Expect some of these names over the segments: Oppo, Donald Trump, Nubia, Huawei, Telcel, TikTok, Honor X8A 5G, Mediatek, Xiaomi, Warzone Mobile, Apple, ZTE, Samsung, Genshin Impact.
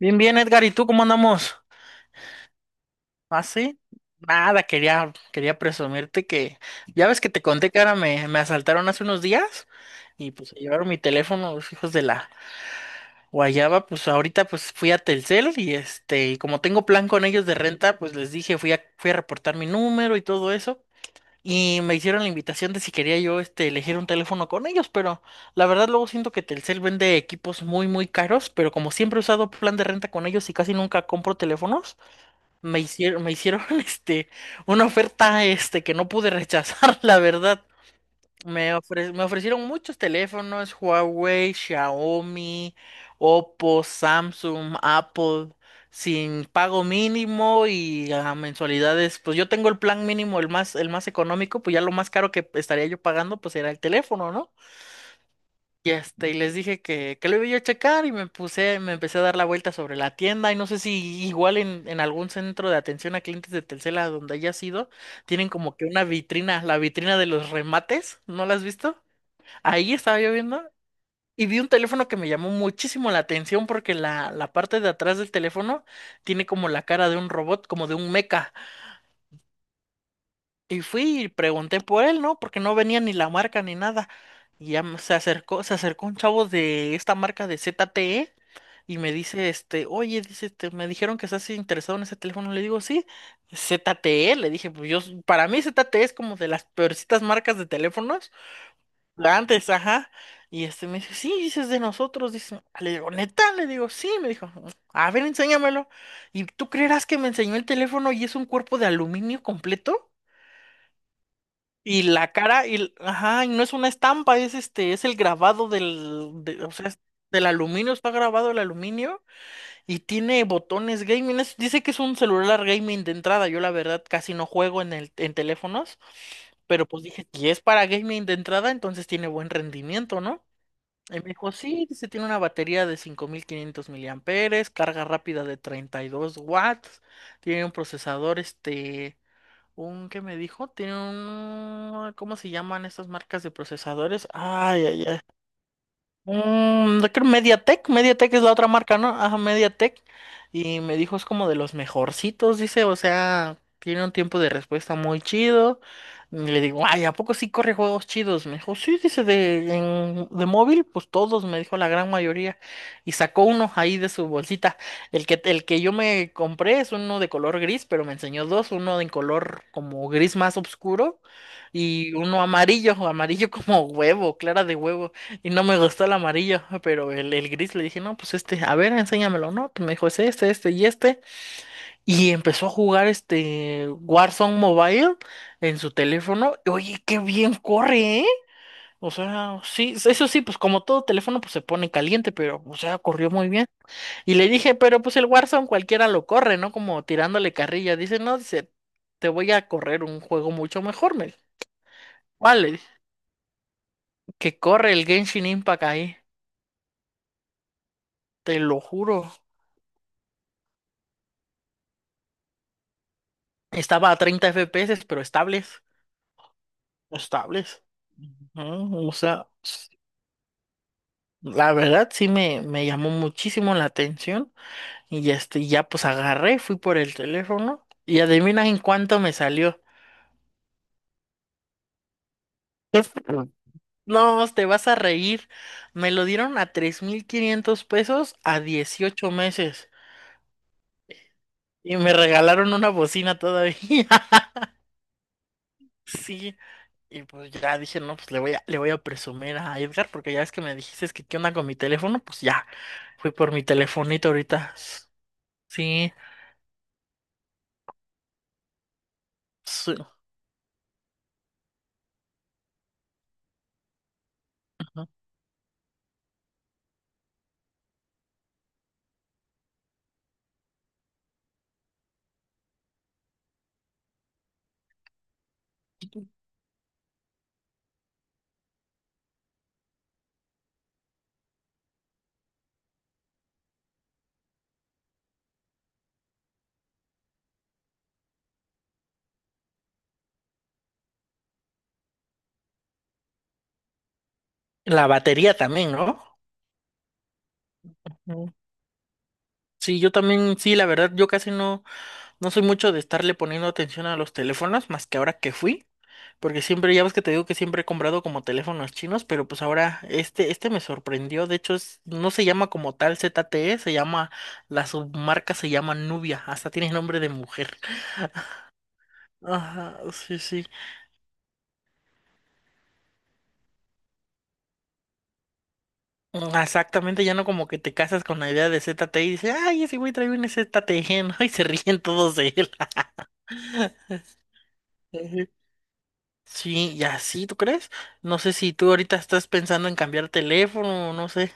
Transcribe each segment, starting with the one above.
Bien, bien, Edgar, ¿y tú cómo andamos? ¿Así? Nada, quería presumirte que, ya ves que te conté que ahora me asaltaron hace unos días y pues se llevaron mi teléfono los hijos de la guayaba, pues ahorita pues fui a Telcel y como tengo plan con ellos de renta, pues les dije, fui a reportar mi número y todo eso y me hicieron la invitación de si quería yo elegir un teléfono con ellos, pero la verdad luego siento que Telcel vende equipos muy, muy caros, pero como siempre he usado plan de renta con ellos y casi nunca compro teléfonos. Me hicieron una oferta que no pude rechazar, la verdad. Me ofrecieron muchos teléfonos, Huawei, Xiaomi, Oppo, Samsung, Apple, sin pago mínimo y a mensualidades. Pues yo tengo el plan mínimo, el más económico, pues ya lo más caro que estaría yo pagando, pues era el teléfono, ¿no? Y les dije que lo iba yo a checar y me empecé a dar la vuelta sobre la tienda y no sé si igual en algún centro de atención a clientes de Telcel a donde haya sido, tienen como que una vitrina, la vitrina de los remates, ¿no la has visto? Ahí estaba yo viendo y vi un teléfono que me llamó muchísimo la atención porque la parte de atrás del teléfono tiene como la cara de un robot, como de un meca. Y fui y pregunté por él, ¿no? Porque no venía ni la marca ni nada. Y ya se acercó un chavo de esta marca de ZTE. Y me dice, oye, dice, me dijeron que estás interesado en ese teléfono. Le digo, sí, ZTE. Le dije, pues yo, para mí ZTE es como de las peorcitas marcas de teléfonos. La antes, ajá. Y este me dice, sí, dices de nosotros. Dice, le digo, neta, le digo, sí. Me dijo, a ver, enséñamelo. Y tú creerás que me enseñó el teléfono y es un cuerpo de aluminio completo. Y la cara, y, ajá, y no es una estampa, es el grabado del, o sea, es del aluminio, está grabado el aluminio. Y tiene botones gaming. Dice que es un celular gaming de entrada. Yo la verdad casi no juego en teléfonos. Pero pues dije, si es para gaming de entrada, entonces tiene buen rendimiento, ¿no? Y me dijo, sí, dice, tiene una batería de 5500 miliamperes, carga rápida de 32 watts, tiene un procesador, un, ¿qué me dijo? Tiene un, ¿cómo se llaman estas marcas de procesadores? Ay, ay, ay. Yo creo Mediatek, Mediatek es la otra marca, ¿no? Ajá, Mediatek. Y me dijo es como de los mejorcitos, dice, o sea, tiene un tiempo de respuesta muy chido. Y le digo, ay, ¿a poco sí corre juegos chidos? Me dijo, sí, dice, de móvil, pues todos, me dijo la gran mayoría. Y sacó uno ahí de su bolsita. El que yo me compré es uno de color gris, pero me enseñó dos, uno de color como gris más oscuro y uno amarillo, amarillo como huevo, clara de huevo. Y no me gustó el amarillo, pero el gris le dije, no, pues a ver, enséñamelo, ¿no? Pues me dijo, es este, este y este. Y empezó a jugar este Warzone Mobile en su teléfono. Y, oye, qué bien corre, ¿eh? O sea, sí, eso sí, pues como todo teléfono, pues se pone caliente, pero, o sea, corrió muy bien. Y le dije, pero pues el Warzone cualquiera lo corre, ¿no? Como tirándole carrilla. Dice, no, dice, te voy a correr un juego mucho mejor, me dijo. Vale, que corre el Genshin Impact ahí, te lo juro. Estaba a 30 FPS, pero estables, estables. Ujú. O sea, la verdad sí me llamó muchísimo la atención y ya, ya pues agarré, fui por el teléfono y adivina en cuánto me salió. No, te vas a reír. Me lo dieron a 3500 pesos a 18 meses y me regalaron una bocina todavía. Sí. Y pues ya dije, no, pues le voy a presumir a Edgar, porque ya ves que me dijiste que qué onda con mi teléfono, pues ya, fui por mi telefonito ahorita. Sí, sí, ujú. La batería también, ¿no? Ujú. Sí, yo también, sí, la verdad, yo casi no, no soy mucho de estarle poniendo atención a los teléfonos, más que ahora que fui. Porque siempre, ya ves que te digo que siempre he comprado como teléfonos chinos, pero pues ahora este me sorprendió. De hecho, no se llama como tal ZTE, la submarca se llama Nubia, hasta tiene nombre de mujer. Ajá, sí, sí. Exactamente, ya no como que te casas con la idea de ZTE y dices, ay, ese güey trae un ZTE, ¿no? Y se ríen todos de él. Ujú. Sí, y así, ¿tú crees? No sé si tú ahorita estás pensando en cambiar teléfono, no sé.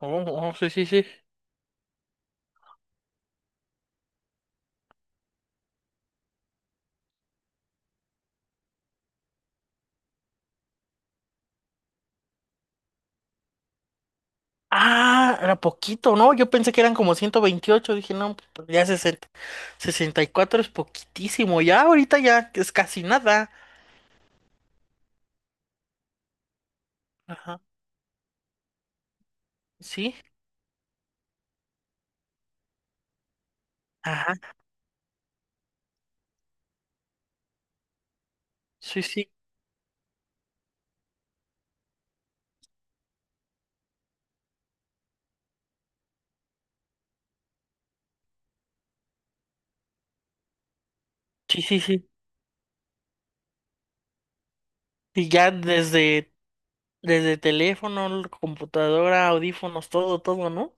Oh, oh, sí, sí, sí. Ah, era poquito, ¿no? Yo pensé que eran como 128, dije, no, pues ya 60, 64 es poquitísimo, ya ahorita ya es casi nada. Ajá, sí, ajá, sí, sí, sí, sí, sí. Y ya desde teléfono, computadora, audífonos, todo, todo, ¿no?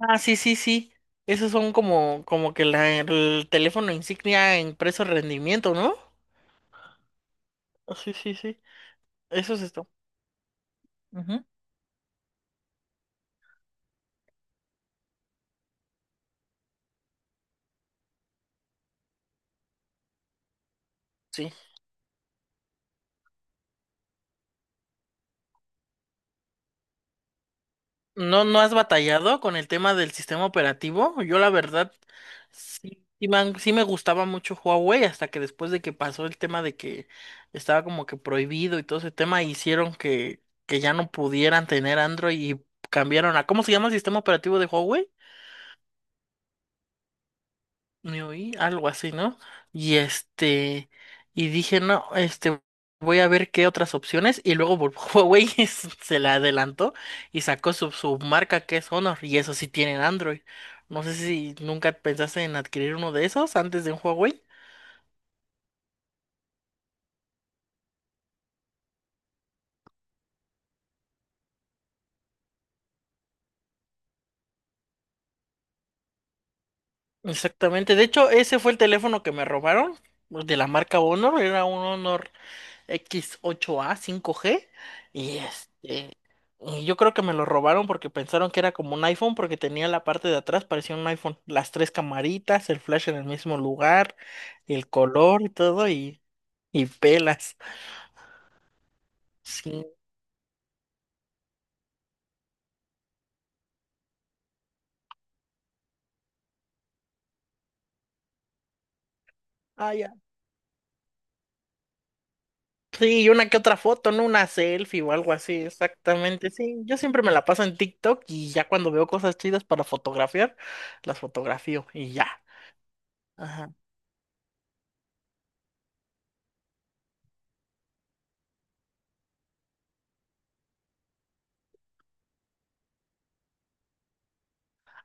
Ah, sí, sí, sí. Esos son como que el teléfono insignia en precio rendimiento, ¿no? Ah, sí, sí, sí. Eso es esto. Ujú. Sí. ¿No, no has batallado con el tema del sistema operativo? Yo la verdad sí me gustaba mucho Huawei hasta que después de que pasó el tema de que estaba como que prohibido y todo ese tema hicieron que ya no pudieran tener Android y cambiaron a. ¿Cómo se llama el sistema operativo de Huawei? Me oí, algo así, ¿no? Y este, y dije, no, voy a ver qué otras opciones. Y luego Huawei se la adelantó y sacó su marca que es Honor, y eso sí tienen Android. No sé si nunca pensaste en adquirir uno de esos antes de un Huawei. Exactamente, de hecho, ese fue el teléfono que me robaron de la marca Honor, era un Honor X8A 5G. Y este. Y yo creo que me lo robaron porque pensaron que era como un iPhone, porque tenía la parte de atrás, parecía un iPhone. Las tres camaritas, el flash en el mismo lugar, el color y todo, y pelas. Sí, ah, ya. Sí, y una que otra foto, ¿no? Una selfie o algo así, exactamente. Sí, yo siempre me la paso en TikTok y ya cuando veo cosas chidas para fotografiar, las fotografío y ya. Ajá.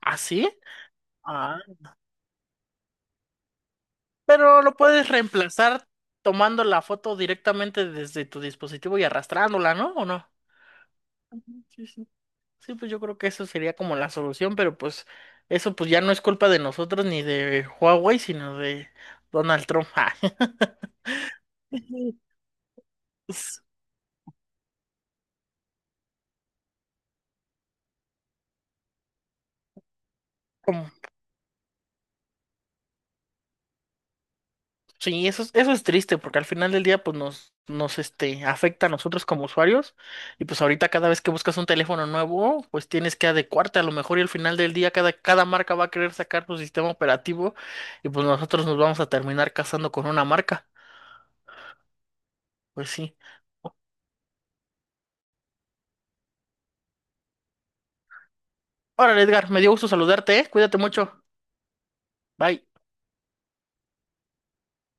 ¿Ah, sí? Ah. Pero lo puedes reemplazar tomando la foto directamente desde tu dispositivo y arrastrándola, ¿no? ¿O no? Ujú. Sí, sí. Sí, pues yo creo que eso sería como la solución, pero pues eso pues ya no es culpa de nosotros ni de Huawei, sino de Donald Trump. Ah, es como- sí, eso es triste porque al final del día pues nos afecta a nosotros como usuarios y pues ahorita cada vez que buscas un teléfono nuevo pues tienes que adecuarte a lo mejor y al final del día cada marca va a querer sacar su sistema operativo y pues nosotros nos vamos a terminar casando con una marca. Pues sí. Ahora, Edgar, me dio gusto saludarte, ¿eh? Cuídate mucho. Bye.